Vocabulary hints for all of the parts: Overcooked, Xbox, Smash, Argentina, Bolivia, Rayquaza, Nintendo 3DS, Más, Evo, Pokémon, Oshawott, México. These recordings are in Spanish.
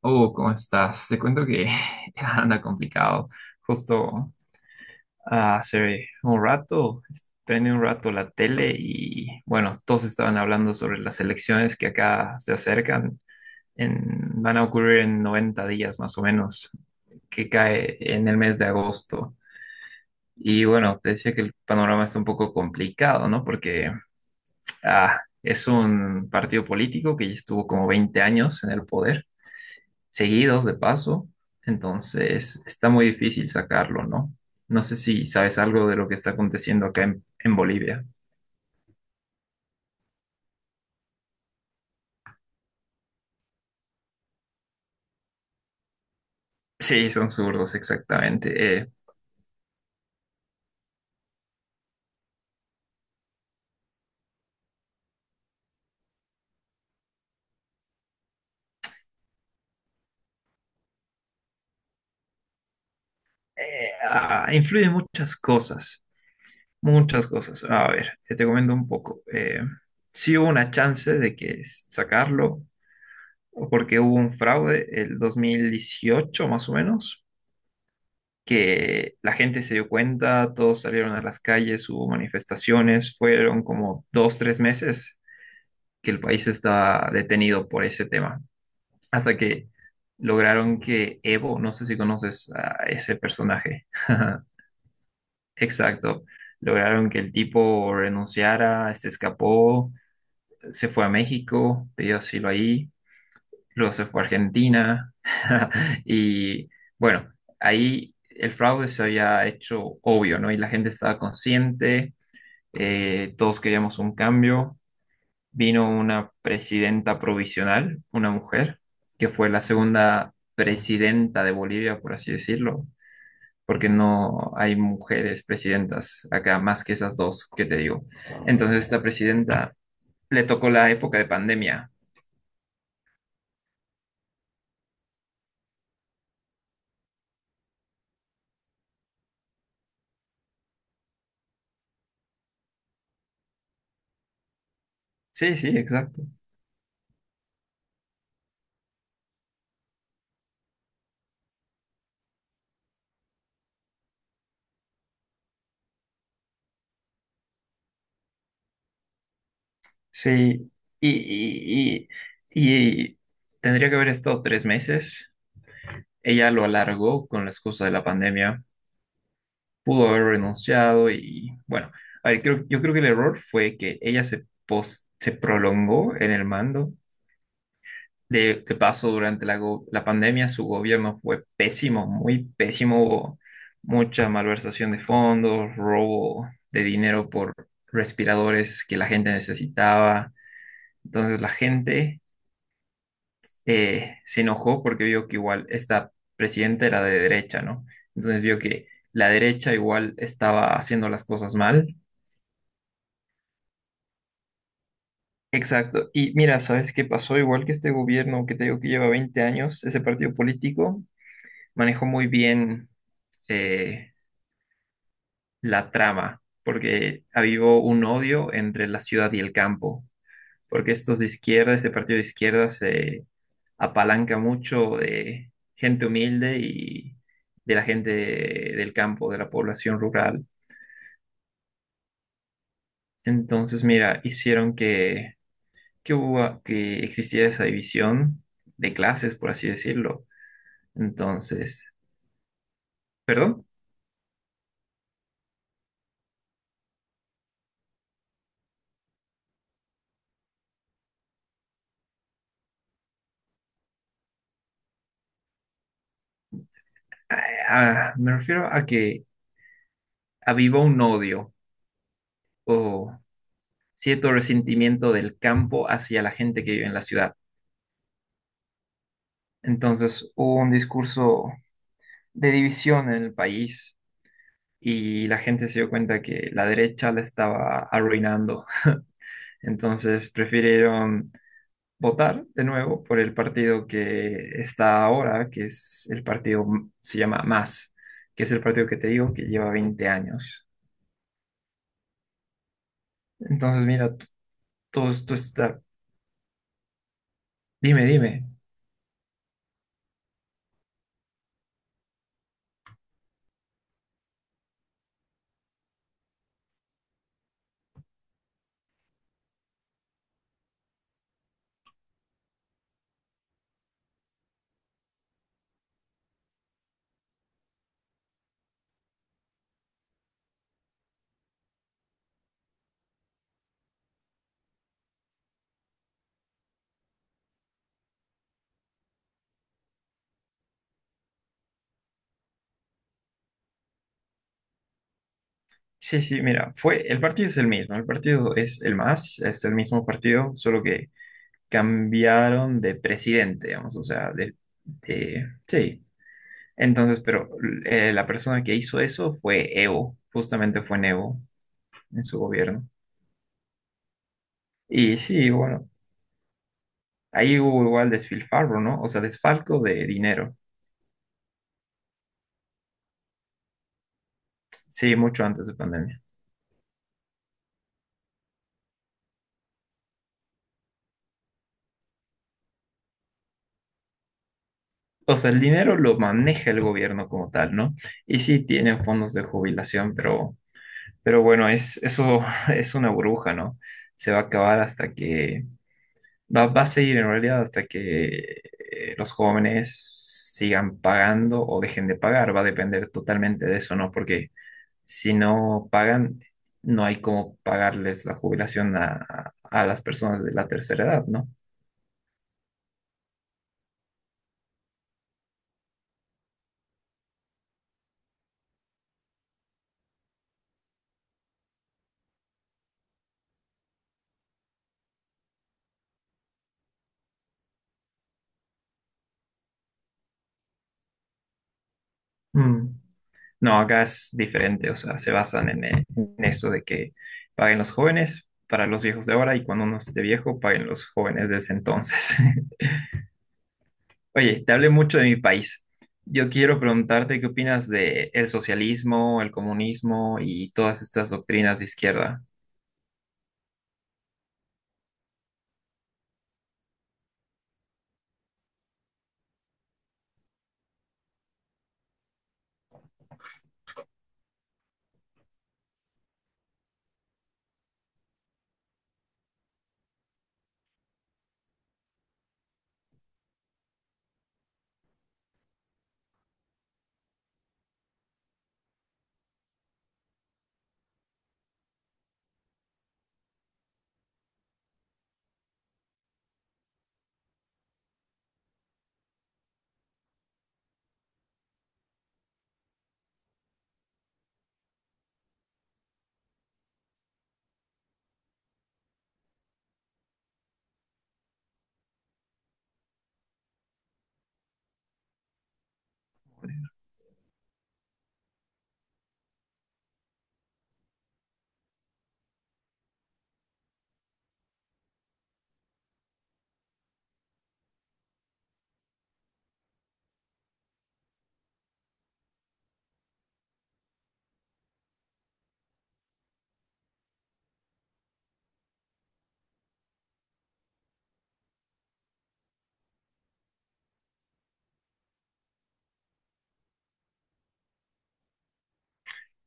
Oh, ¿cómo estás? Te cuento que anda complicado. Justo hace un rato, prendí un rato la tele y bueno, todos estaban hablando sobre las elecciones que acá se acercan. Van a ocurrir en 90 días más o menos, que cae en el mes de agosto. Y bueno, te decía que el panorama está un poco complicado, ¿no? Porque es un partido político que ya estuvo como 20 años en el poder seguidos de paso, entonces está muy difícil sacarlo, ¿no? No sé si sabes algo de lo que está aconteciendo acá en Bolivia. Sí, son zurdos, exactamente. Influyen muchas cosas, muchas cosas. A ver, te comento un poco. Sí hubo una chance de que sacarlo, porque hubo un fraude el 2018, más o menos, que la gente se dio cuenta, todos salieron a las calles, hubo manifestaciones, fueron como dos, 3 meses que el país estaba detenido por ese tema, hasta que lograron que Evo, no sé si conoces a ese personaje, exacto, lograron que el tipo renunciara, se escapó, se fue a México, pidió asilo ahí, luego se fue a Argentina y bueno, ahí el fraude se había hecho obvio, ¿no? Y la gente estaba consciente, todos queríamos un cambio. Vino una presidenta provisional, una mujer, que fue la segunda presidenta de Bolivia, por así decirlo, porque no hay mujeres presidentas acá más que esas dos que te digo. Entonces, esta presidenta le tocó la época de pandemia. Sí, sí, exacto. Sí, y, y, y tendría que haber estado 3 meses. Ella lo alargó con la excusa de la pandemia. Pudo haber renunciado y bueno, a ver, yo creo que el error fue que ella se prolongó en el mando. De paso, durante la, la pandemia su gobierno fue pésimo, muy pésimo. Hubo mucha malversación de fondos, robo de dinero por respiradores que la gente necesitaba. Entonces la gente se enojó porque vio que igual esta presidenta era de derecha, ¿no? Entonces vio que la derecha igual estaba haciendo las cosas mal. Exacto. Y mira, ¿sabes qué pasó? Igual que este gobierno que te digo que lleva 20 años, ese partido político manejó muy bien eh, la trama, porque avivó un odio entre la ciudad y el campo. Porque estos de izquierda, este partido de izquierda se apalanca mucho de gente humilde y de la gente del campo, de la población rural. Entonces, mira, hicieron que existiera esa división de clases, por así decirlo. Entonces, perdón, ah, me refiero a que avivó un odio o cierto resentimiento del campo hacia la gente que vive en la ciudad. Entonces, hubo un discurso de división en el país y la gente se dio cuenta que la derecha la estaba arruinando. Entonces prefirieron votar de nuevo por el partido que está ahora, que es el partido, se llama Más, que es el partido que te digo que lleva 20 años. Entonces, mira, todo esto está... Dime, dime. Sí, sí, mira, fue, el partido es el mismo, el partido es el Más, es el mismo partido, solo que cambiaron de presidente, digamos, o sea, sí. Entonces, pero la persona que hizo eso fue Evo, justamente fue Evo en su gobierno. Y sí, bueno, ahí hubo igual desfilfarro, ¿no? O sea, desfalco de dinero. Sí, mucho antes de pandemia. O sea, el dinero lo maneja el gobierno como tal, ¿no? Y sí tienen fondos de jubilación, pero bueno, es, eso es una burbuja, ¿no? Se va a acabar hasta que va a seguir en realidad hasta que los jóvenes sigan pagando o dejen de pagar. Va a depender totalmente de eso, ¿no? Porque si no pagan, no hay cómo pagarles la jubilación a las personas de la tercera edad, ¿no? Mm. No, acá es diferente. O sea, se basan en eso de que paguen los jóvenes para los viejos de ahora y cuando uno esté viejo, paguen los jóvenes de ese entonces. Oye, te hablé mucho de mi país. Yo quiero preguntarte qué opinas de el socialismo, el comunismo y todas estas doctrinas de izquierda.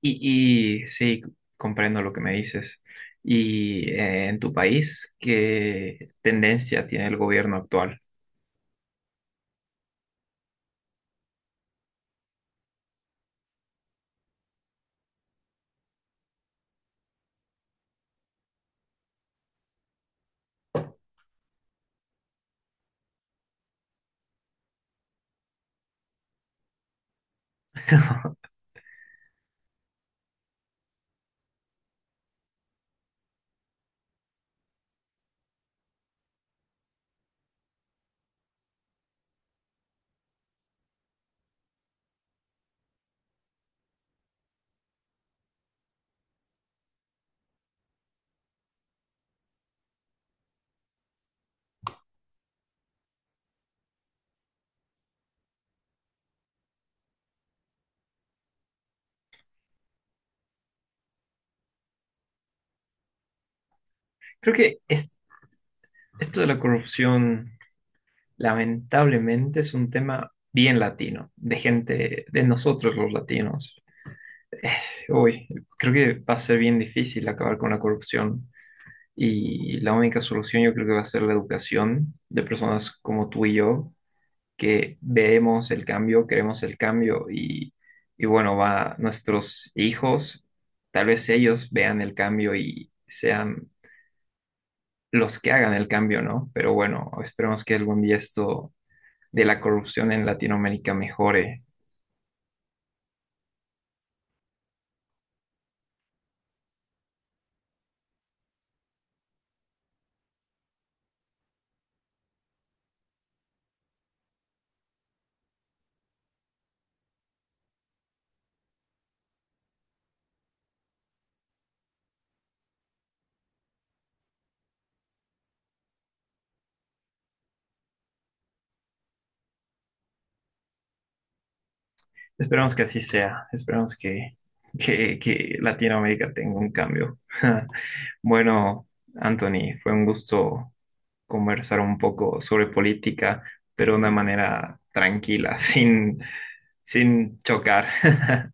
Y sí, comprendo lo que me dices. Y en tu país, ¿qué tendencia tiene el gobierno actual? Creo que esto de la corrupción, lamentablemente, es un tema bien latino, de gente, de nosotros los latinos. Eh, uy, Creo que va a ser bien difícil acabar con la corrupción. Y la única solución yo creo que va a ser la educación de personas como tú y yo, que vemos el cambio, queremos el cambio y bueno, va nuestros hijos, tal vez ellos vean el cambio y sean los que hagan el cambio, ¿no? Pero bueno, esperemos que algún día esto de la corrupción en Latinoamérica mejore. Esperemos que así sea, esperemos que Latinoamérica tenga un cambio. Bueno, Anthony, fue un gusto conversar un poco sobre política, pero de una manera tranquila, sin, sin chocar.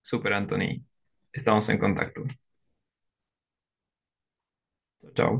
Super, Anthony. Estamos en contacto. Chao.